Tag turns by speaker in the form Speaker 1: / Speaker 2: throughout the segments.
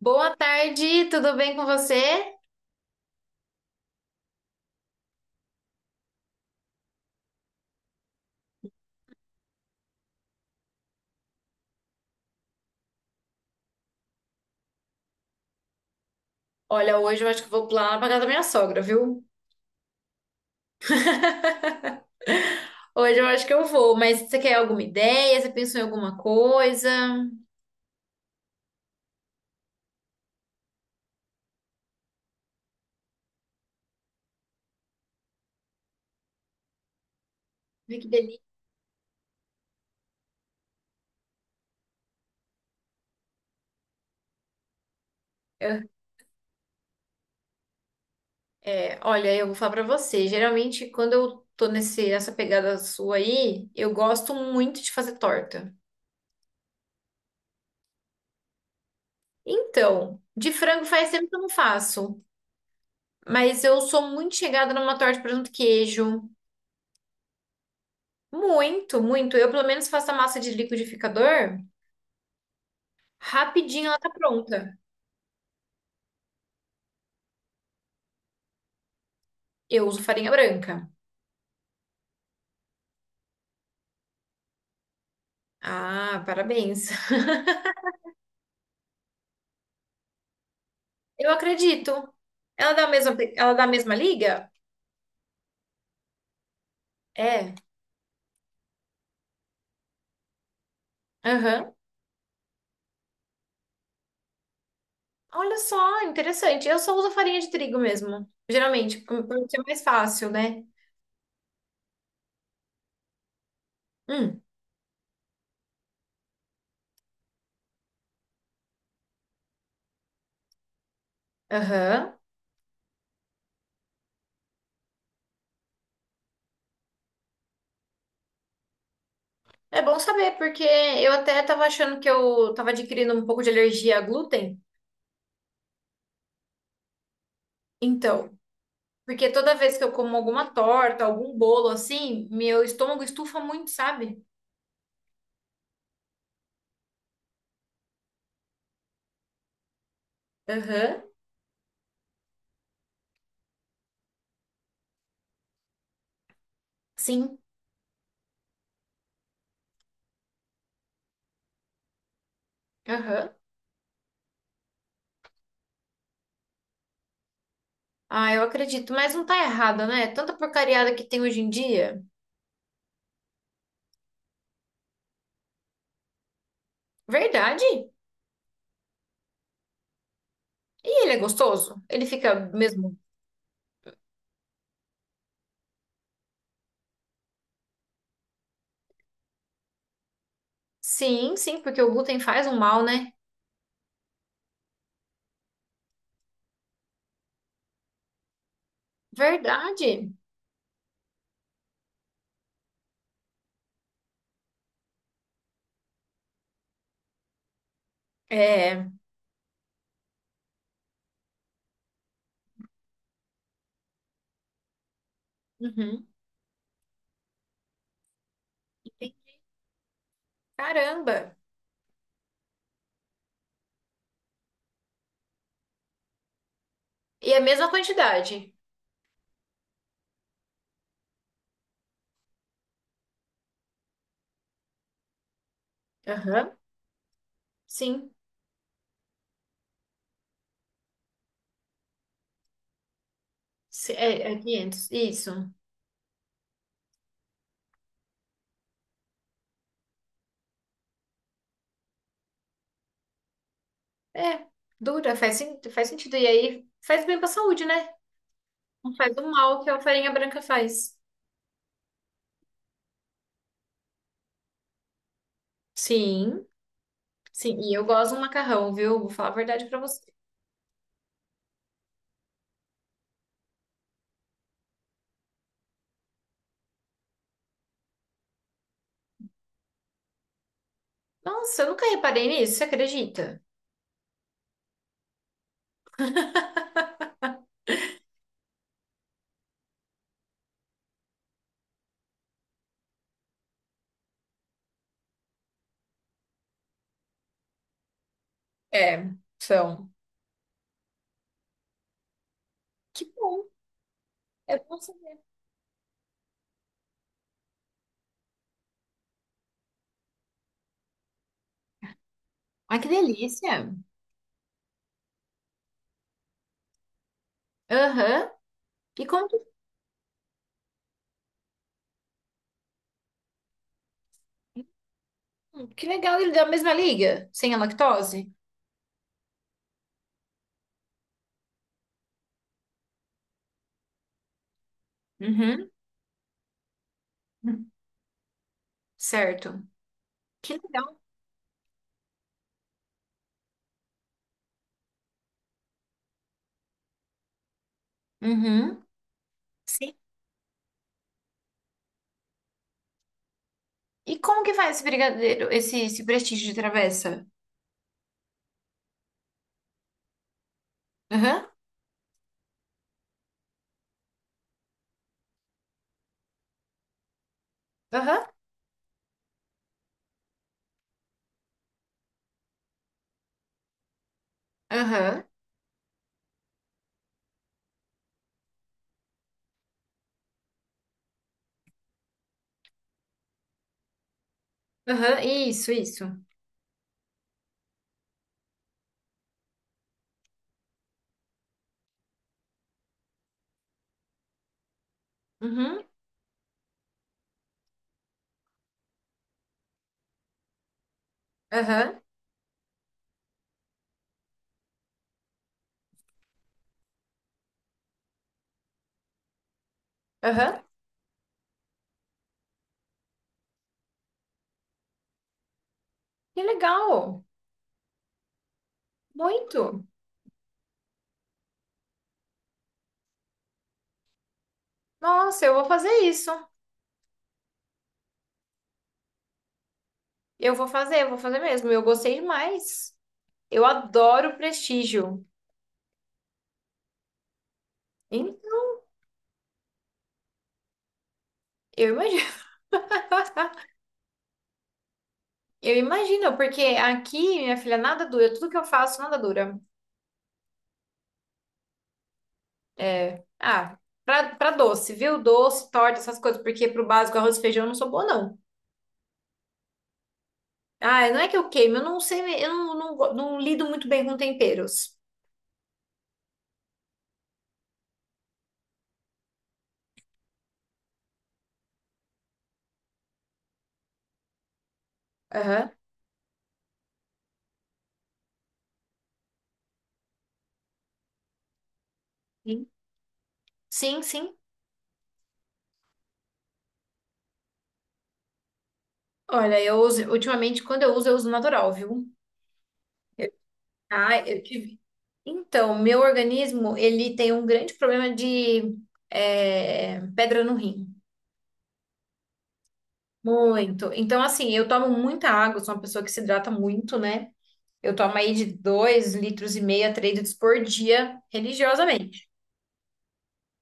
Speaker 1: Boa tarde, tudo bem com você? Olha, hoje eu acho que eu vou lá pra casa da minha sogra, viu? Hoje eu acho que eu vou, mas você quer alguma ideia? Você pensou em alguma coisa? Ai, que delícia. É, olha, eu vou falar pra você. Geralmente, quando eu tô nessa pegada sua aí, eu gosto muito de fazer torta. Então, de frango faz tempo que eu não faço, mas eu sou muito chegada numa torta de presunto e queijo. Muito, muito. Eu, pelo menos, faço a massa de liquidificador, rapidinho ela tá pronta. Eu uso farinha branca. Ah, parabéns. Eu acredito. Ela dá a mesma, ela dá a mesma liga? É. Aham. Olha só, interessante. Eu só uso farinha de trigo mesmo. Geralmente, por ser mais fácil, né? Hum. Aham. É bom saber, porque eu até tava achando que eu tava adquirindo um pouco de alergia a glúten. Então, porque toda vez que eu como alguma torta, algum bolo assim, meu estômago estufa muito, sabe? Aham. Sim. Aham. Ah, eu acredito, mas não tá errado, né? Tanta porcariada que tem hoje em dia. Verdade. E ele é gostoso? Ele fica mesmo? Sim, sim, porque o glúten faz um mal, né? Verdade. É. Uhum. Caramba. E a mesma quantidade? Aham. Sim. É, é 500, isso. É. Dura, faz, faz sentido. E aí faz bem pra saúde, né? Não faz o mal que a farinha branca faz. Sim. Sim, e eu gosto do macarrão, viu? Vou falar a verdade pra você. Nossa, eu nunca reparei nisso, você acredita? É, são. Que bom, é bom saber. Ai, que delícia. Aham. E como que... Hum, que legal, ele da mesma liga, sem a lactose? Uhum. Certo. Que legal. Uhum. Sim. E como que faz esse brigadeiro, esse prestígio de travessa? Aham. Aham. Aham. Aham. Isso, isso. Uhum. Aham. Aham. Que legal. Muito. Nossa, eu vou fazer isso. Eu vou fazer mesmo. Eu gostei demais. Eu adoro prestígio. Hein? Eu imagino. Eu imagino, porque aqui, minha filha, nada dura. Tudo que eu faço, nada dura. É. Ah, pra, pra doce, viu? Doce, torta, essas coisas. Porque pro básico, arroz e feijão, eu não sou boa, não. Ah, não é que eu queimo. Eu não sei, eu não lido muito bem com temperos. Aham. Sim, sim, sim. Olha, eu uso, ultimamente, quando eu uso natural, viu? Ah, eu tive. Então, meu organismo, ele tem um grande problema de pedra no rim. Muito. Então, assim, eu tomo muita água, sou uma pessoa que se hidrata muito, né? Eu tomo aí de 2,5 litros a 3 litros por dia, religiosamente.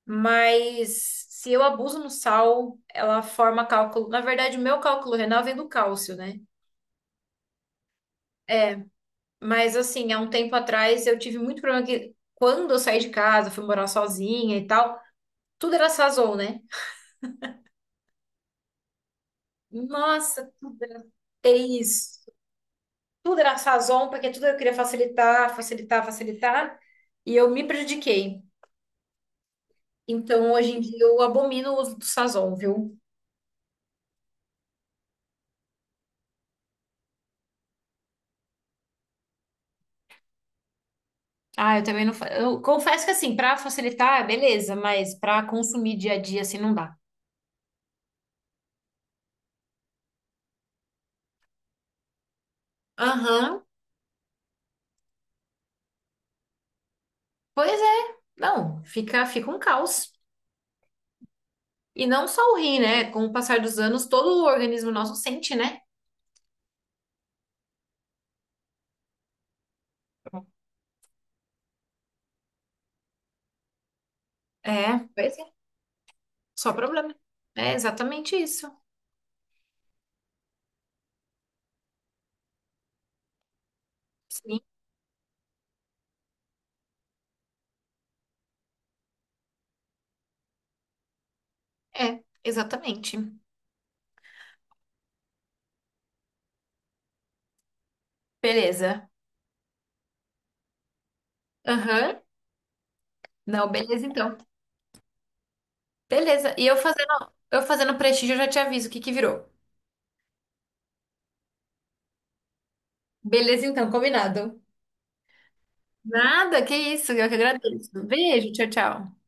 Speaker 1: Mas se eu abuso no sal, ela forma cálculo. Na verdade, o meu cálculo renal vem do cálcio, né? Mas, assim, há um tempo atrás eu tive muito problema que quando eu saí de casa, fui morar sozinha e tal, tudo era Sazon, né? Nossa, é isso. Tudo era Sazon, porque tudo eu queria facilitar, facilitar, facilitar. E eu me prejudiquei. Então, hoje em dia, eu abomino o uso do Sazon, viu? Ah, eu também não. Eu confesso que, assim, pra facilitar, beleza, mas pra consumir dia a dia, assim, não dá. Aham. Pois é. Não, fica, fica um caos. E não só o rim, né? Com o passar dos anos, todo o organismo nosso sente, né? É, pois é. Só problema. É exatamente isso. Sim, é, exatamente. Beleza. Aham. Não, beleza então. Beleza. E eu fazendo prestígio, eu já te aviso o que que virou. Beleza, então, combinado. Nada, que isso, eu que agradeço. Beijo, tchau, tchau.